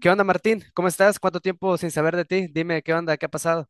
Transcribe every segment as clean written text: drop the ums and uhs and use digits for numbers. ¿Qué onda, Martín? ¿Cómo estás? ¿Cuánto tiempo sin saber de ti? Dime, ¿qué onda? ¿Qué ha pasado?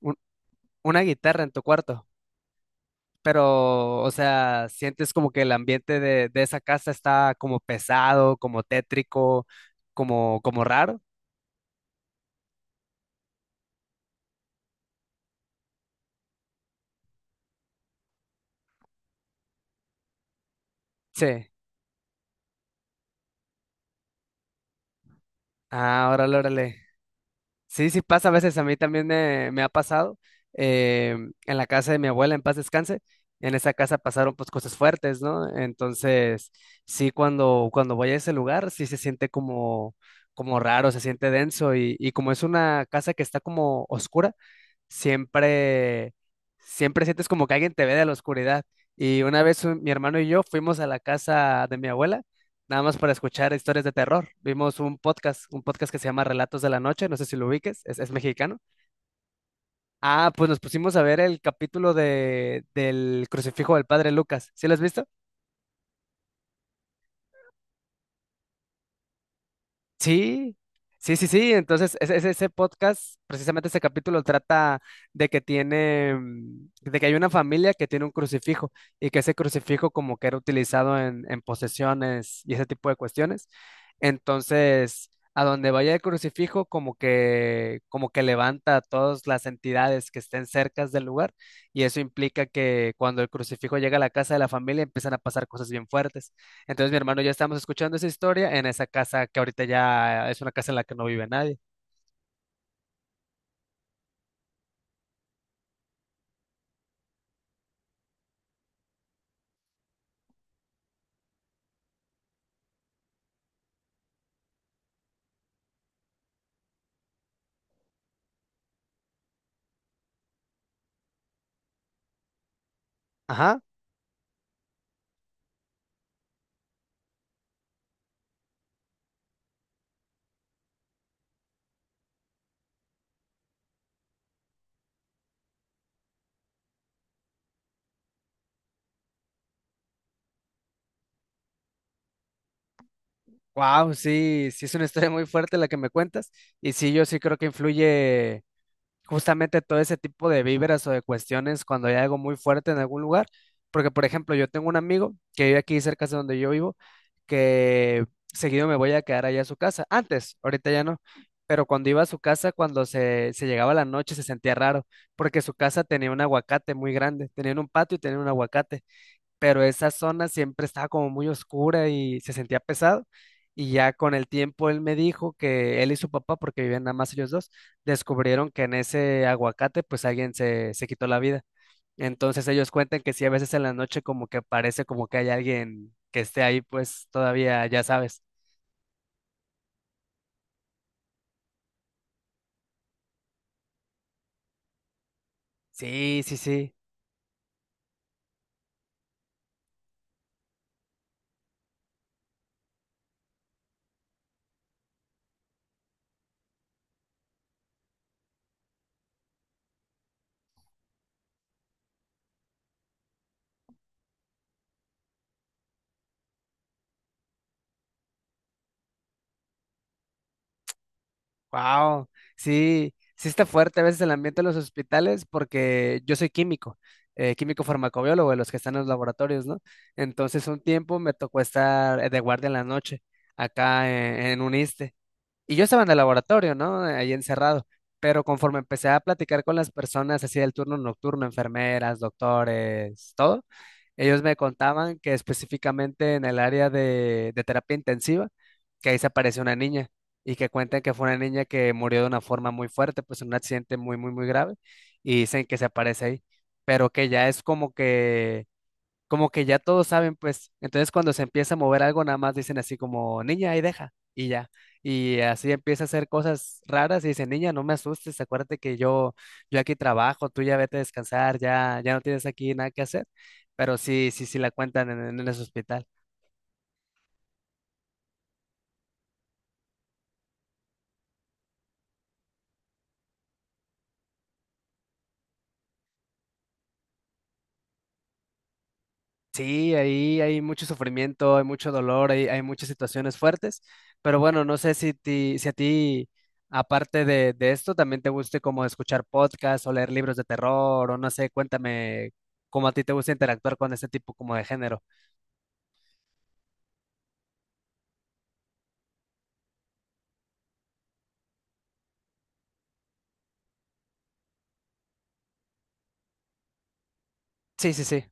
Un- una guitarra en tu cuarto, pero, o sea, ¿sientes como que el ambiente de esa casa está como pesado, como tétrico, como raro? Sí. Ah, órale, órale. Sí, sí pasa a veces, a mí también me ha pasado eh, en la casa de mi abuela, en paz descanse, en esa casa pasaron pues cosas fuertes, ¿no? Entonces, sí, cuando voy a ese lugar, sí se siente como, como raro, se siente denso y como es una casa que está como oscura, siempre, siempre sientes como que alguien te ve de la oscuridad. Y una vez mi hermano y yo fuimos a la casa de mi abuela, nada más para escuchar historias de terror. Vimos un podcast que se llama Relatos de la Noche, no sé si lo ubiques, es mexicano. Ah, pues nos pusimos a ver el capítulo del crucifijo del padre Lucas. ¿Sí lo has visto? Sí, sí, sí, sí. Entonces, ese, ese podcast, precisamente ese capítulo trata de que hay una familia que tiene un crucifijo y que ese crucifijo como que era utilizado en posesiones y ese tipo de cuestiones. Entonces, a donde vaya el crucifijo, como que levanta a todas las entidades que estén cercas del lugar y eso implica que cuando el crucifijo llega a la casa de la familia empiezan a pasar cosas bien fuertes. Entonces mi hermano y yo estamos escuchando esa historia en esa casa que ahorita ya es una casa en la que no vive nadie. Ajá. Wow, sí, sí es una historia muy fuerte la que me cuentas. Y sí, yo sí creo que influye. Justamente todo ese tipo de víveras o de cuestiones cuando hay algo muy fuerte en algún lugar. Porque, por ejemplo, yo tengo un amigo que vive aquí cerca de donde yo vivo, que seguido me voy a quedar allá a su casa. Antes, ahorita ya no. Pero cuando iba a su casa, cuando se llegaba la noche, se sentía raro, porque su casa tenía un aguacate muy grande, tenía un patio y tenía un aguacate pero esa zona siempre estaba como muy oscura y se sentía pesado. Y ya con el tiempo él me dijo que él y su papá, porque vivían nada más ellos dos, descubrieron que en ese aguacate pues alguien se quitó la vida. Entonces ellos cuentan que sí, a veces en la noche como que parece como que hay alguien que esté ahí pues todavía, ya sabes. Sí, sí, sí. Wow, sí, sí está fuerte a veces el ambiente de los hospitales porque yo soy químico, químico farmacobiólogo de los que están en los laboratorios, ¿no? Entonces un tiempo me tocó estar de guardia en la noche acá en un ISSSTE, y yo estaba en el laboratorio, ¿no? Ahí encerrado. Pero conforme empecé a platicar con las personas así del turno nocturno, enfermeras, doctores, todo, ellos me contaban que específicamente en el área de terapia intensiva, que ahí se apareció una niña y que cuentan que fue una niña que murió de una forma muy fuerte, pues en un accidente muy, muy, muy grave, y dicen que se aparece ahí, pero que ya es como que ya todos saben, pues, entonces cuando se empieza a mover algo, nada más dicen así como, niña, ahí deja, y ya. Y así empieza a hacer cosas raras y dice, niña, no me asustes, acuérdate que yo aquí trabajo, tú ya vete a descansar, ya, ya no tienes aquí nada que hacer. Pero sí, sí, sí la cuentan en ese hospital. Sí, ahí hay mucho sufrimiento, hay mucho dolor, hay muchas situaciones fuertes, pero bueno, no sé si a ti, aparte de esto, también te guste como escuchar podcasts o leer libros de terror, o no sé, cuéntame cómo a ti te gusta interactuar con este tipo como de género. Sí, sí, sí.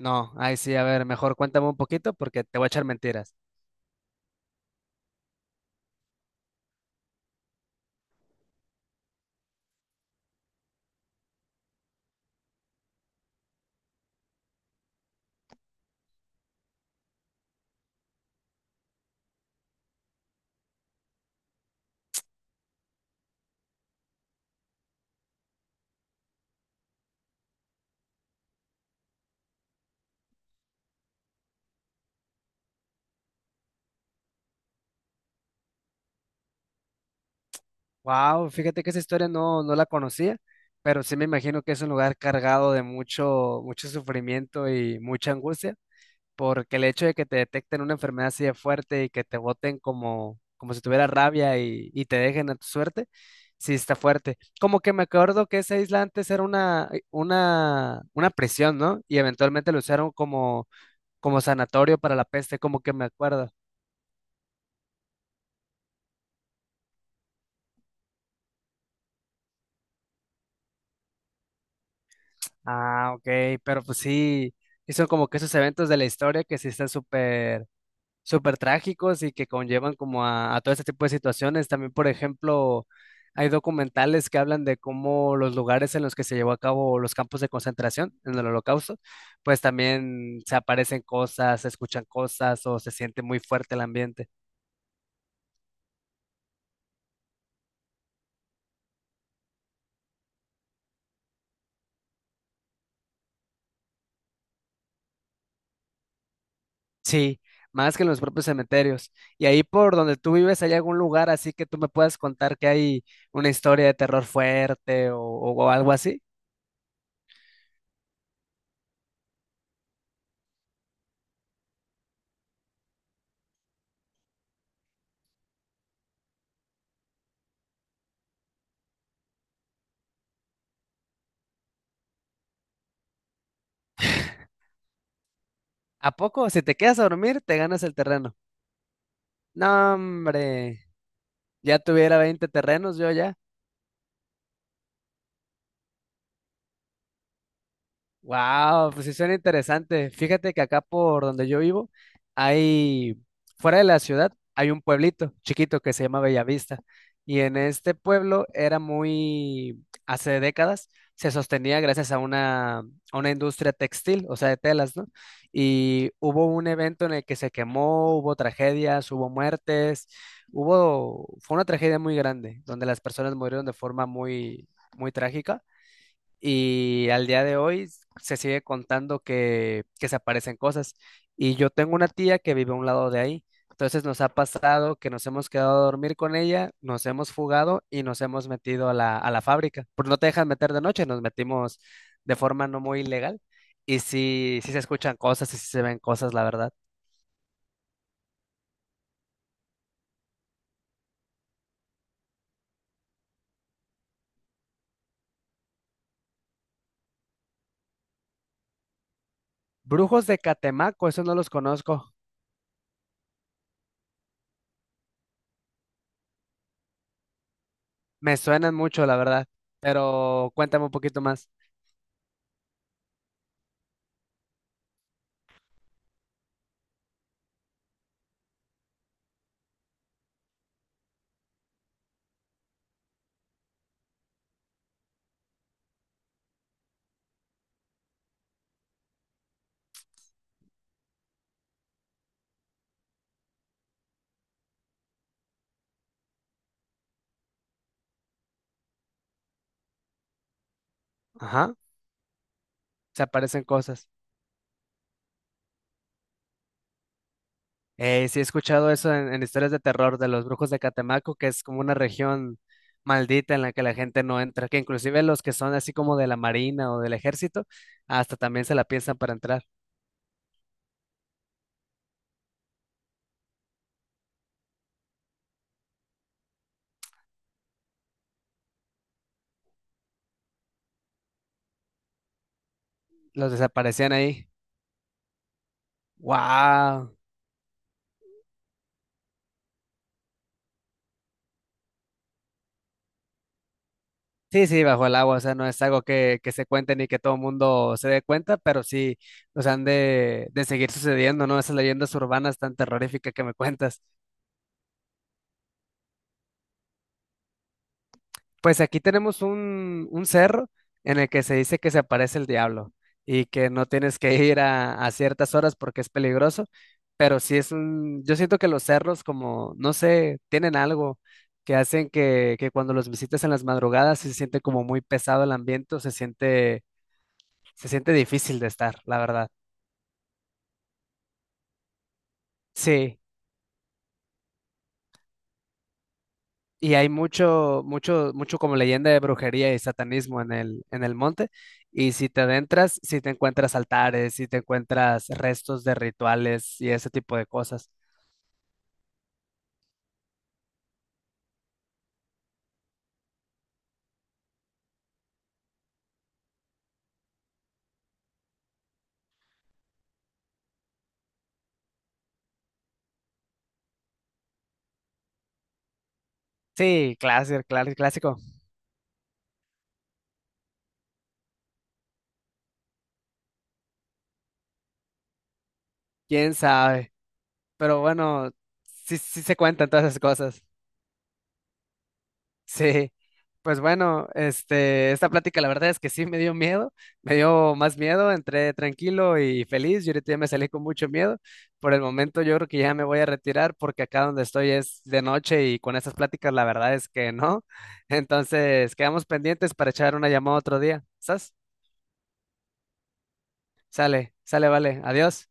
No, ahí sí, a ver, mejor cuéntame un poquito porque te voy a echar mentiras. Wow, fíjate que esa historia no, no la conocía, pero sí me imagino que es un lugar cargado de mucho, mucho sufrimiento y mucha angustia. Porque el hecho de que te detecten una enfermedad así de fuerte y que te boten como, como si tuviera rabia y te dejen a tu suerte, sí está fuerte. Como que me acuerdo que esa isla antes era una prisión, ¿no? Y eventualmente lo usaron como, como sanatorio para la peste, como que me acuerdo. Ah, ok, pero pues sí, hizo como que esos eventos de la historia que sí están súper súper trágicos y que conllevan como a todo este tipo de situaciones. También, por ejemplo, hay documentales que hablan de cómo los lugares en los que se llevó a cabo los campos de concentración en el Holocausto, pues también se aparecen cosas, se escuchan cosas o se siente muy fuerte el ambiente. Sí, más que en los propios cementerios. Y ahí por donde tú vives, ¿hay algún lugar así que tú me puedas contar que hay una historia de terror fuerte o algo así? ¿A poco? Si te quedas a dormir, te ganas el terreno. No, hombre. Ya tuviera 20 terrenos yo ya. Wow, pues sí suena interesante. Fíjate que acá por donde yo vivo hay, fuera de la ciudad, hay un pueblito chiquito que se llama Bellavista. Y en este pueblo era muy, hace décadas, se sostenía gracias a una industria textil, o sea, de telas, ¿no? Y hubo un evento en el que se quemó, hubo tragedias, hubo muertes, hubo, fue una tragedia muy grande, donde las personas murieron de forma muy, muy trágica y al día de hoy se sigue contando que se aparecen cosas. Y yo tengo una tía que vive a un lado de ahí. Entonces nos ha pasado que nos hemos quedado a dormir con ella, nos hemos fugado y nos hemos metido a la fábrica. Porque no te dejan meter de noche, nos metimos de forma no muy ilegal. Y sí, sí se escuchan cosas y sí se ven cosas, la verdad. Brujos de Catemaco, esos no los conozco. Me suenan mucho, la verdad. Pero cuéntame un poquito más. Ajá, se aparecen cosas. Sí, he escuchado eso en historias de terror de los brujos de Catemaco, que es como una región maldita en la que la gente no entra, que inclusive los que son así como de la marina o del ejército, hasta también se la piensan para entrar. Los desaparecían ahí. ¡Wow! Sí, sí, bajo el agua, o sea, no es algo que se cuente ni que todo el mundo se dé cuenta, pero sí, nos han de seguir sucediendo, ¿no? Esas leyendas urbanas tan terroríficas que me cuentas. Pues aquí tenemos un cerro en el que se dice que se aparece el diablo y que no tienes que ir a ciertas horas porque es peligroso, pero sí es un, yo siento que los cerros como, no sé, tienen algo que hacen que cuando los visitas en las madrugadas sí se siente como muy pesado el ambiente, o se siente difícil de estar, la verdad. Sí. Y hay mucho, mucho, mucho como leyenda de brujería y satanismo en el monte. Y si te adentras, si te encuentras altares, si te encuentras restos de rituales y ese tipo de cosas. Sí, clásico, clásico, clásico. ¿Quién sabe? Pero bueno, sí, sí se cuentan todas esas cosas. Sí, pues bueno, este, esta plática la verdad es que sí me dio miedo, me dio más miedo, entré tranquilo y feliz, yo ahorita ya me salí con mucho miedo, por el momento yo creo que ya me voy a retirar porque acá donde estoy es de noche y con estas pláticas la verdad es que no, entonces quedamos pendientes para echar una llamada otro día, ¿sas? Sale, sale, vale, adiós.